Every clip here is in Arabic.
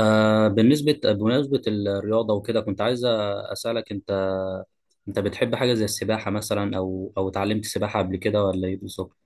بالنسبة بمناسبة الرياضة وكده كنت عايز أسألك أنت بتحب حاجة زي السباحة مثلا أو اتعلمت سباحة قبل كده ولا إيه بالظبط؟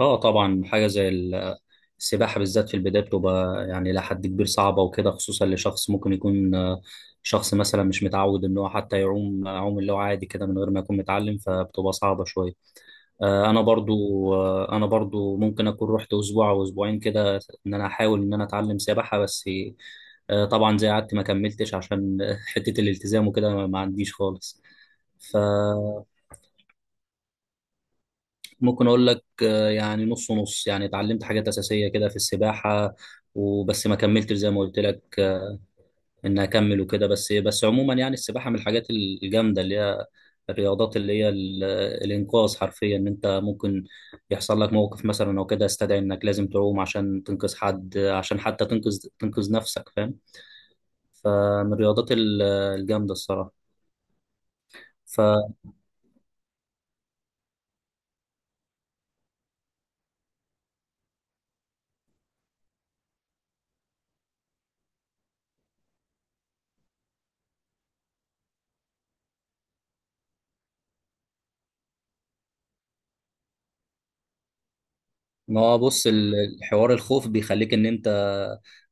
أه طبعا حاجة السباحة بالذات في البداية بتبقى يعني إلى حد كبير صعبة وكده خصوصا لشخص ممكن يكون شخص مثلا مش متعود إن هو حتى يعوم اللي هو عادي كده من غير ما يكون متعلم فبتبقى صعبة شوية. انا برضو ممكن اكون رحت اسبوع او اسبوعين كده ان انا احاول ان انا اتعلم سباحه بس، طبعا زي قعدت ما كملتش عشان حته الالتزام وكده ما عنديش خالص فممكن اقول لك، يعني نص ونص يعني اتعلمت حاجات اساسيه كده في السباحه وبس ما كملتش زي ما قلت لك ان اكمل وكده بس عموما يعني السباحه من الحاجات الجامده اللي هي الرياضات الانقاذ حرفيا ان انت ممكن يحصل لك موقف مثلا او كده يستدعي انك لازم تعوم عشان تنقذ حد عشان حتى تنقذ نفسك فاهم. فمن الرياضات الجامده الصراحه. ما هو بص الحوار الخوف بيخليك ان انت،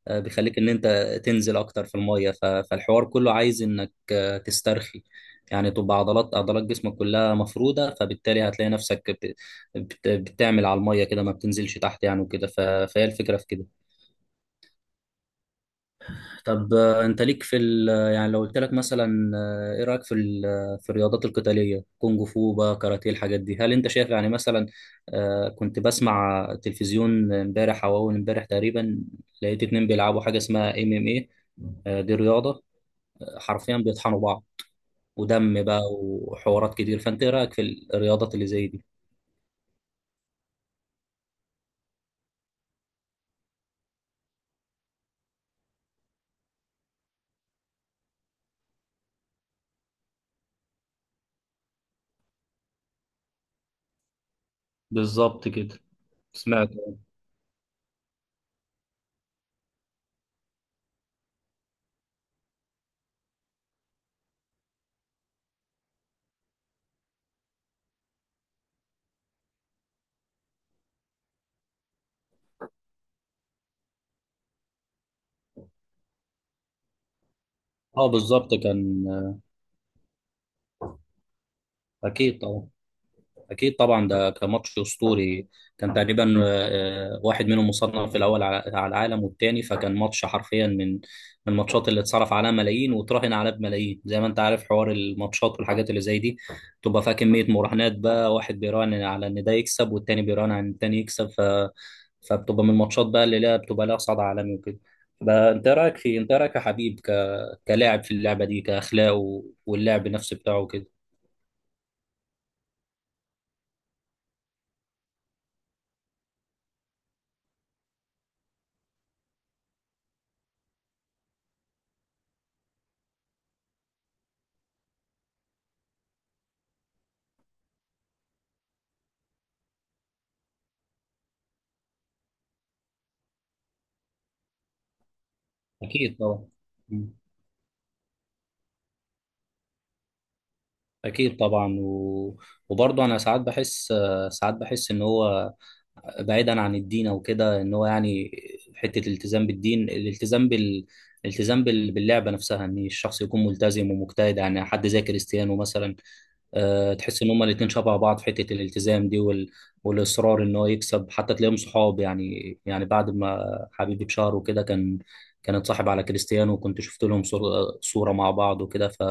بيخليك ان انت تنزل اكتر في الميه فالحوار كله عايز انك، تسترخي يعني تبقى عضلات جسمك كلها مفروده فبالتالي هتلاقي نفسك بتعمل على الميه كده ما بتنزلش تحت يعني وكده فهي الفكره في كده. طب، انت ليك في ال... يعني لو قلت لك مثلا، ايه رايك في ال... في الرياضات القتاليه كونغ فو بقى كاراتيه الحاجات دي هل انت شايف يعني مثلا، كنت بسمع تلفزيون امبارح او اول امبارح تقريبا لقيت اتنين بيلعبوا حاجه اسمها ام ام ايه، دي رياضه، حرفيا بيطحنوا بعض ودم بقى وحوارات كتير فانت ايه رايك في الرياضات اللي زي دي. بالظبط كده. سمعت. اه بالظبط كان، اكيد طبعا. اكيد طبعا ده كان ماتش اسطوري. كان تقريبا، واحد منهم مصنف الاول على على العالم والتاني فكان ماتش حرفيا من الماتشات اللي اتصرف عليها ملايين وتراهن عليها بملايين زي ما انت عارف حوار الماتشات والحاجات اللي زي دي تبقى فيها كميه مراهنات بقى واحد بيراهن على ان ده يكسب والتاني بيراهن على ان التاني يكسب فبتبقى من الماتشات بقى اللي لها بتبقى لها صدى عالمي وكده بقى. انت إيه رايك يا حبيب ك... كلاعب في اللعبه دي كاخلاقه واللعب نفسه بتاعه كده. اكيد طبعا. اكيد طبعا و... وبرضه انا ساعات بحس ان هو بعيدا عن الدين او كده ان هو يعني حته الالتزام بالدين الالتزام بال... باللعبه نفسها ان الشخص يكون ملتزم ومجتهد يعني حد زي كريستيانو مثلا، تحس ان هما الاتنين شبه بعض في حته الالتزام دي وال... والاصرار ان هو يكسب حتى تلاقيهم صحاب يعني يعني بعد ما حبيبي بشهر وكده كان اتصاحب على كريستيانو وكنت شفت لهم صوره مع بعض وكده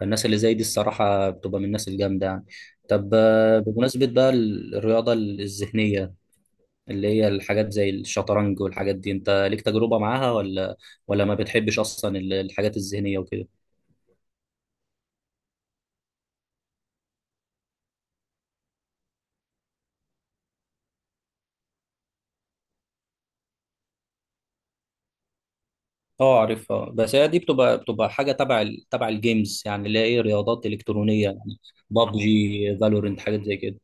فالناس اللي زي دي الصراحه بتبقى من الناس الجامده يعني. طب، بمناسبه بقى الرياضه الذهنيه اللي هي الحاجات زي الشطرنج والحاجات دي انت ليك تجربه معاها ولا ما بتحبش اصلا الحاجات الذهنيه وكده. اه عارفها بس هي دي بتبقى حاجه تبع ال... تبع الجيمز يعني اللي هي ايه رياضات الكترونيه يعني بابجي فالورنت حاجات زي كده.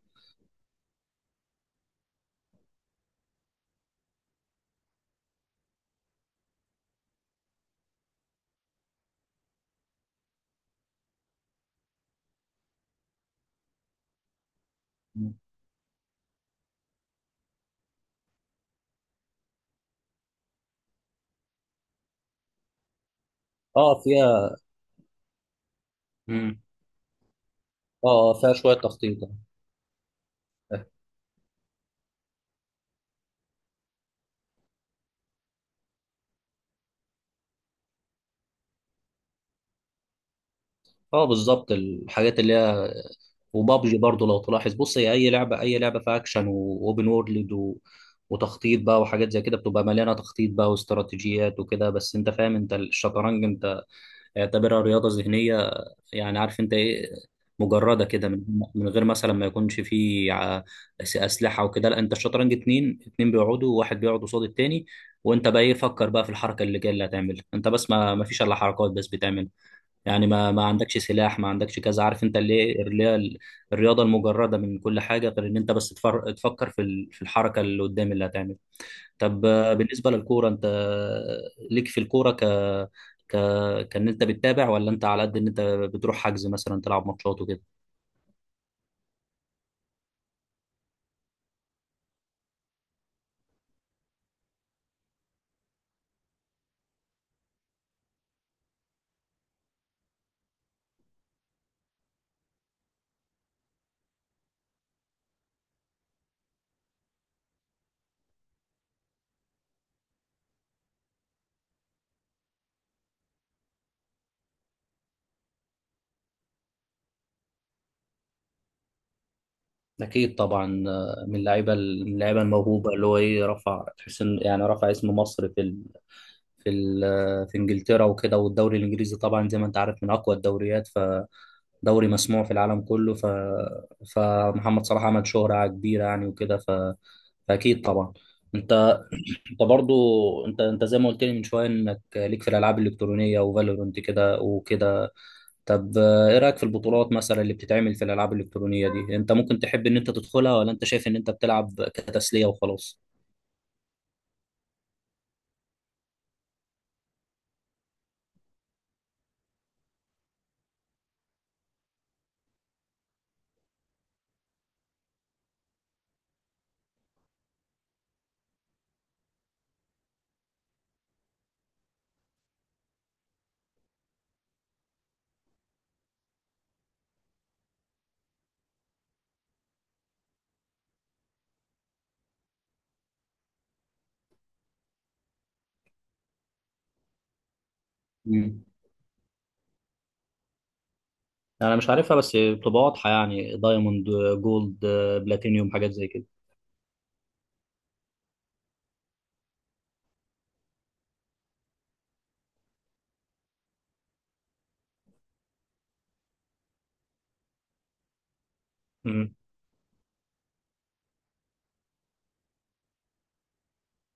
اه فيها. مم. اه، فيها شويه تخطيط يعني. اه، بالظبط الحاجات اللي هي. وبابجي برضو لو تلاحظ بص هي اي لعبه فيها اكشن واوبن وورلد و... وتخطيط بقى وحاجات زي كده بتبقى مليانه تخطيط بقى واستراتيجيات وكده بس انت فاهم انت الشطرنج انت اعتبرها رياضه ذهنيه يعني عارف انت ايه مجرده كده من من غير مثلا ما يكونش فيه اسلحه وكده لا انت الشطرنج اتنين بيقعدوا واحد بيقعد قصاد التاني وانت بقى ايه فكر بقى في الحركه اللي جايه اللي هتعملها انت بس ما فيش الا حركات بس بتعمل يعني ما عندكش سلاح ما عندكش كذا عارف انت اللي ايه اللي هي الرياضه المجرده من كل حاجه غير ان انت بس تفكر في ال- في الحركه اللي قدام اللي هتعملها. طب، بالنسبة للكورة انت، ليك في الكورة ك ك كان انت بتتابع ولا انت على قد ان انت بتروح حجز مثلا تلعب ماتشات وكده. اكيد طبعا، من اللعيبه من اللعيبه الموهوبه اللي هو ايه رفع تحس ان يعني رفع اسم مصر في ال... في ال... في انجلترا وكده والدوري الانجليزي طبعا زي ما انت عارف من اقوى الدوريات فدوري مسموع في العالم كله فمحمد صلاح عمل شهرة كبيرة يعني وكده ف... فاكيد طبعا. انت انت برضو انت انت زي ما قلت لي من شويه انك ليك في الالعاب الالكترونيه وفالورنت كده وكده. طب، ايه رايك في البطولات مثلا اللي بتتعمل في الالعاب الالكترونيه دي انت ممكن تحب ان انت تدخلها ولا انت شايف ان انت بتلعب كتسليه وخلاص. مم. انا مش عارفها بس بتبقى واضحه يعني دايموند جولد بلاتينيوم حاجات زي كده. امم.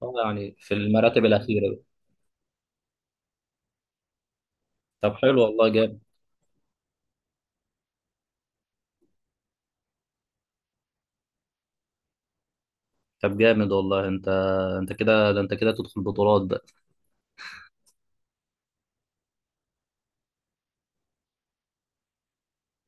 اه يعني في المراتب الاخيره بقى. طب حلو والله جامد. طب جامد والله انت انت كده ده انت كده تدخل بطولات بقى.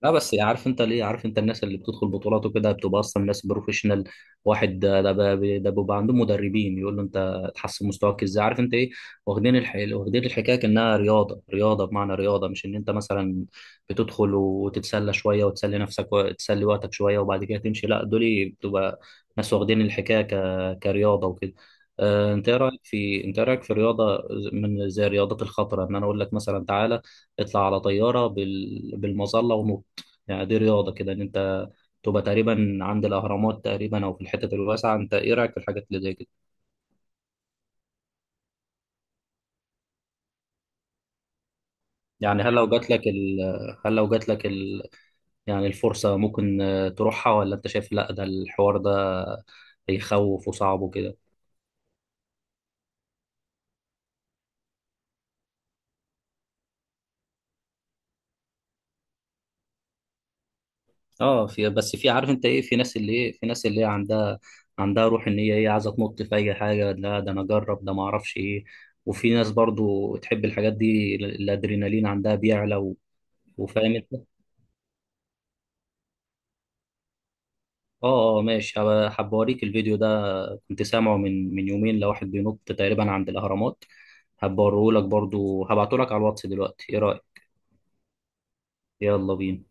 لا بس عارف انت ليه عارف انت الناس اللي بتدخل بطولات وكده بتبقى اصلا ناس بروفيشنال واحد ده ده بقى- ده بيبقى عندهم مدربين يقول له انت تحسن مستواك ازاي عارف انت ايه واخدين واخدين الحكايه كانها رياضه بمعنى رياضه مش ان انت مثلا بتدخل وتتسلى شويه وتسلي نفسك وتسلي وقتك شويه وبعد كده تمشي لا دول بتبقى ناس واخدين الحكايه ك... كرياضه وكده. انت ايه رايك في رياضه من زي الرياضات الخطره ان انا اقول لك مثلا تعالى اطلع على طياره بال... بالمظله يعني دي رياضة كده إن أنت تبقى تقريبا عند الأهرامات تقريبا أو في الحتت الواسعة أنت إيه رأيك في الحاجات اللي زي كده؟ يعني هل لو جات لك ال... هل لو جات لك ال... يعني الفرصة ممكن، تروحها ولا أنت شايف لأ ده الحوار ده يخوف وصعب وكده؟ أه في بس في عارف أنت إيه في ناس اللي هي عندها روح إن هي إيه عايزة تنط في أي حاجة لا ده أنا أجرب ده ما أعرفش إيه وفي ناس برضو تحب الحاجات دي الأدرينالين عندها بيعلى و... وفاهم انت. اه ماشي هبقى اوريك الفيديو ده كنت سامعه من يومين لواحد بينط تقريبا عند الأهرامات هبوريهولك برضو هبعتهولك على الواتس دلوقتي ايه رأيك. يلا بينا.